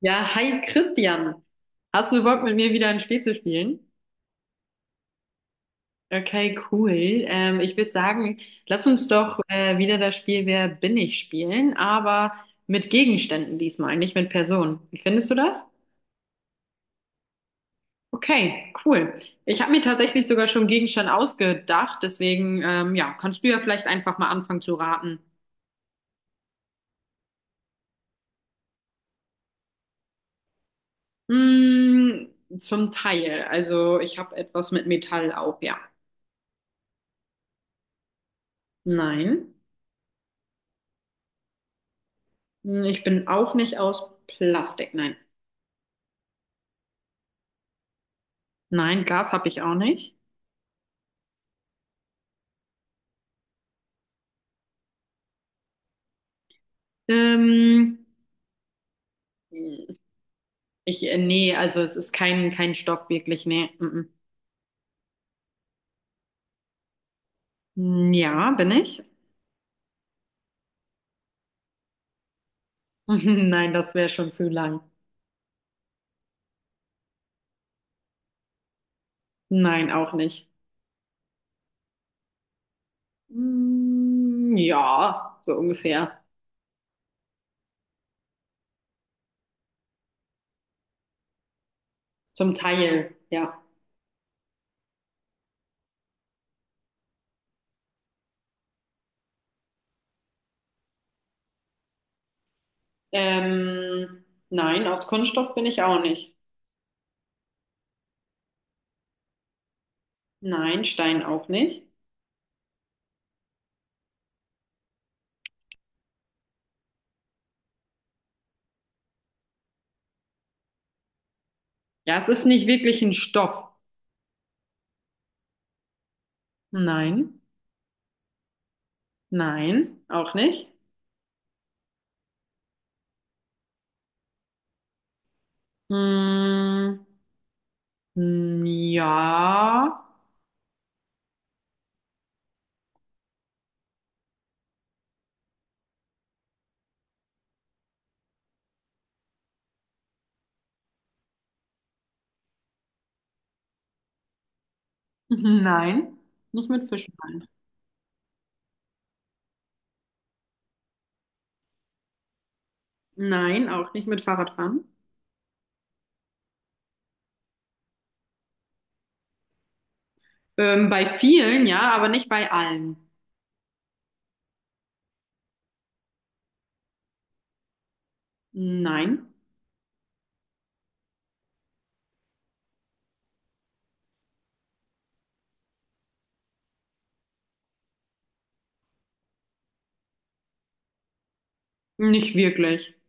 Ja, hi Christian. Hast du Bock, mit mir wieder ein Spiel zu spielen? Okay, cool. Ich würde sagen, lass uns doch wieder das Spiel Wer bin ich spielen, aber mit Gegenständen diesmal, nicht mit Personen. Wie findest du das? Okay, cool. Ich habe mir tatsächlich sogar schon einen Gegenstand ausgedacht, deswegen ja, kannst du ja vielleicht einfach mal anfangen zu raten. Hm, zum Teil. Also ich habe etwas mit Metall auch, ja. Nein. Hm, ich bin auch nicht aus Plastik, nein. Nein, Gas habe ich auch nicht. Ähm, Ich, nee, also es ist kein Stopp wirklich, nee. Mm, mm. Ja, bin ich? Nein, das wäre schon zu lang. Nein, auch nicht. Mm, ja, so ungefähr. Zum Teil, ja. Ähm, nein, aus Kunststoff bin ich auch nicht. Nein, Stein auch nicht. Ja, es ist nicht wirklich ein Stoff. Nein, nein, auch nicht. Mm, mm, ja. Nein, nicht mit Fischen. Nein, nein, auch nicht mit Fahrradfahren. Bei vielen, ja, aber nicht bei allen. Nein, nicht wirklich.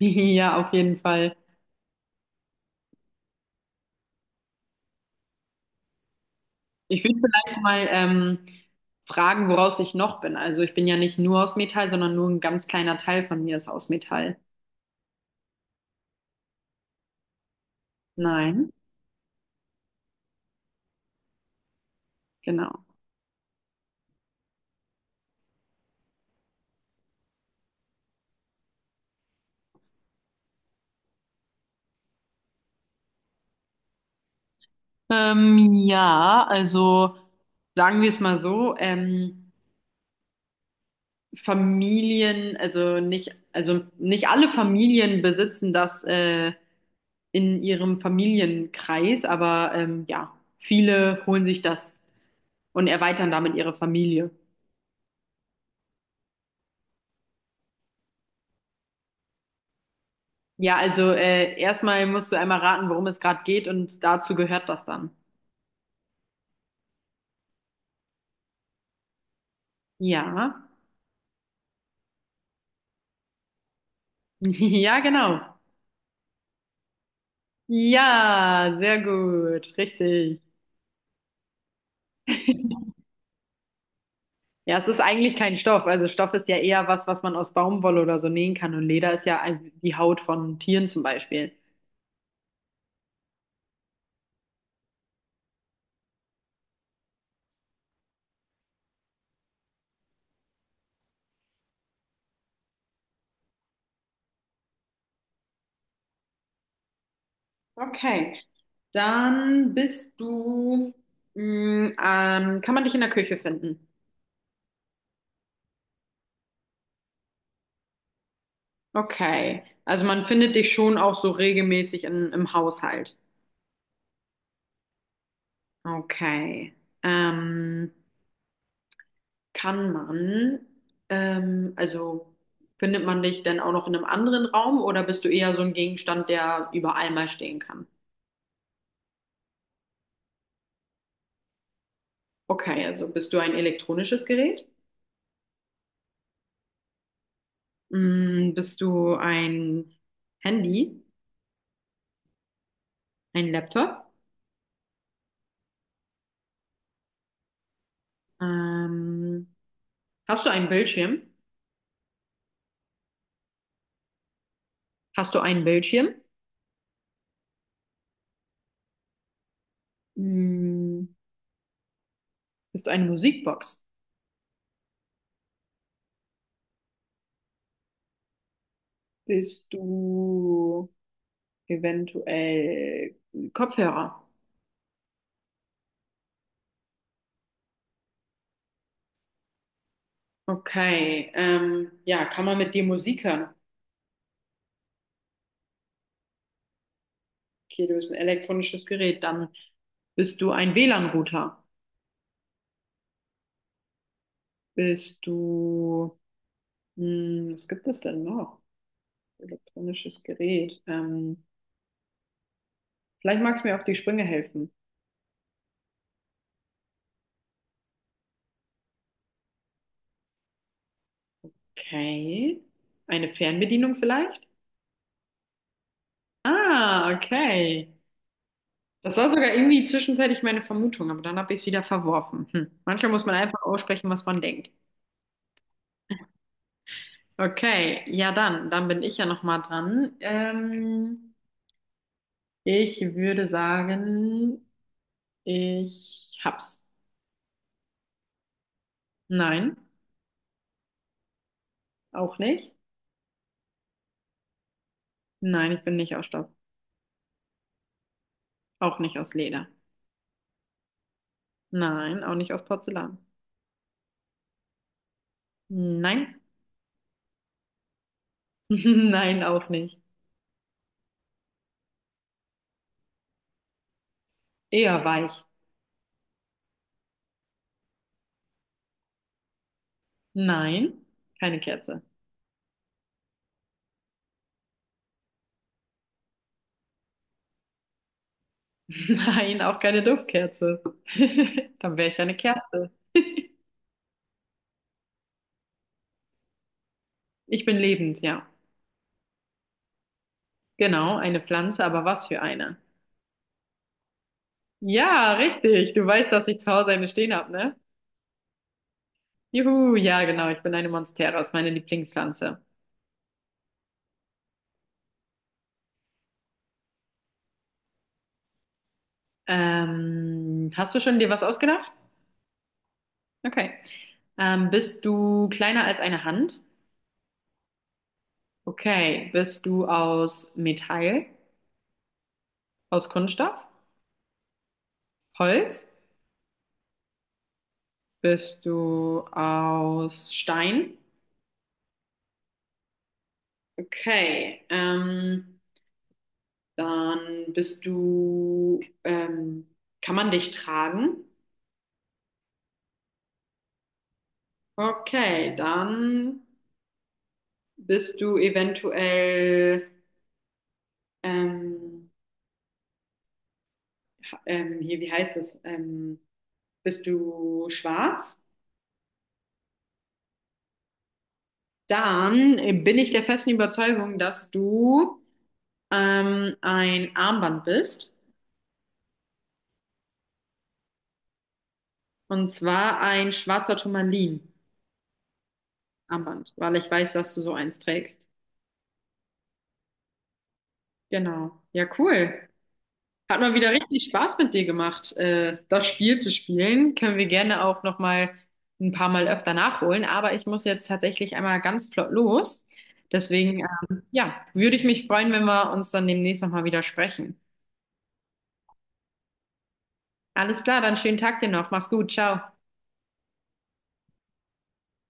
Ja, auf jeden Fall. Ich würde vielleicht mal fragen, woraus ich noch bin. Also ich bin ja nicht nur aus Metall, sondern nur ein ganz kleiner Teil von mir ist aus Metall. Nein, genau. Ja, also sagen wir es mal so. Familien, also nicht alle Familien besitzen das in ihrem Familienkreis, aber ja, viele holen sich das und erweitern damit ihre Familie. Ja, also erstmal musst du einmal raten, worum es gerade geht und dazu gehört das dann. Ja, ja, genau. Ja, sehr gut, richtig. Ja, es ist eigentlich kein Stoff. Also Stoff ist ja eher was, was man aus Baumwolle oder so nähen kann. Und Leder ist ja ein- die Haut von Tieren zum Beispiel. Okay. Dann bist du, mh, kann man dich in der Küche finden? Okay. Also man findet dich schon auch so regelmäßig in, im Haushalt. Okay. Ähm, Kann man, also findet man dich denn auch noch in einem anderen Raum oder bist du eher so ein Gegenstand, der überall mal stehen kann? Okay, also bist du ein elektronisches Gerät? Mm, bist du ein Handy, ein Laptop? Ähm, Hast du einen Bildschirm? Hast du einen Bildschirm? Hm, bist du eine Musikbox? Bist du eventuell Kopfhörer? Okay, ja, kann man mit dir Musik hören? Okay, du bist ein elektronisches Gerät. Dann bist du ein WLAN-Router. Bist du, hm, was gibt es denn noch? Elektronisches Gerät. Vielleicht magst du mir auf die Sprünge helfen. Okay, eine Fernbedienung vielleicht? Ah, okay. Das war sogar irgendwie zwischenzeitlich meine Vermutung, aber dann habe ich es wieder verworfen. Hm. Manchmal muss man einfach aussprechen, was man denkt. Okay, ja dann, dann bin ich ja noch mal dran. Ich würde sagen, ich hab's. Nein, auch nicht. Nein, ich bin nicht aus Stoff. Auch nicht aus Leder. Nein, auch nicht aus Porzellan. Nein. Nein, auch nicht. Eher weich. Nein, keine Kerze. Nein, auch keine Duftkerze. Dann wäre ich ja eine Kerze. Ich bin lebend, ja. Genau, eine Pflanze, aber was für eine? Ja, richtig. Du weißt, dass ich zu Hause eine stehen habe, ne? Juhu, ja, genau. Ich bin eine Monstera, ist meine Lieblingspflanze. Hast du schon dir was ausgedacht? Okay. Bist du kleiner als eine Hand? Okay. Bist du aus Metall? Aus Kunststoff? Holz? Bist du aus Stein? Okay. Dann bist du, kann man dich tragen? Okay, dann bist du eventuell, ähm, hier, wie heißt es? Bist du schwarz? Dann bin ich der festen Überzeugung, dass du ein Armband bist. Und zwar ein schwarzer Turmalin-Armband, weil ich weiß, dass du so eins trägst. Genau. Ja, cool. Hat mal wieder richtig Spaß mit dir gemacht, das Spiel zu spielen. Können wir gerne auch noch mal ein paar Mal öfter nachholen. Aber ich muss jetzt tatsächlich einmal ganz flott los. Deswegen, ja, würde ich mich freuen, wenn wir uns dann demnächst noch mal wieder sprechen. Alles klar, dann schönen Tag dir noch. Mach's gut, ciao.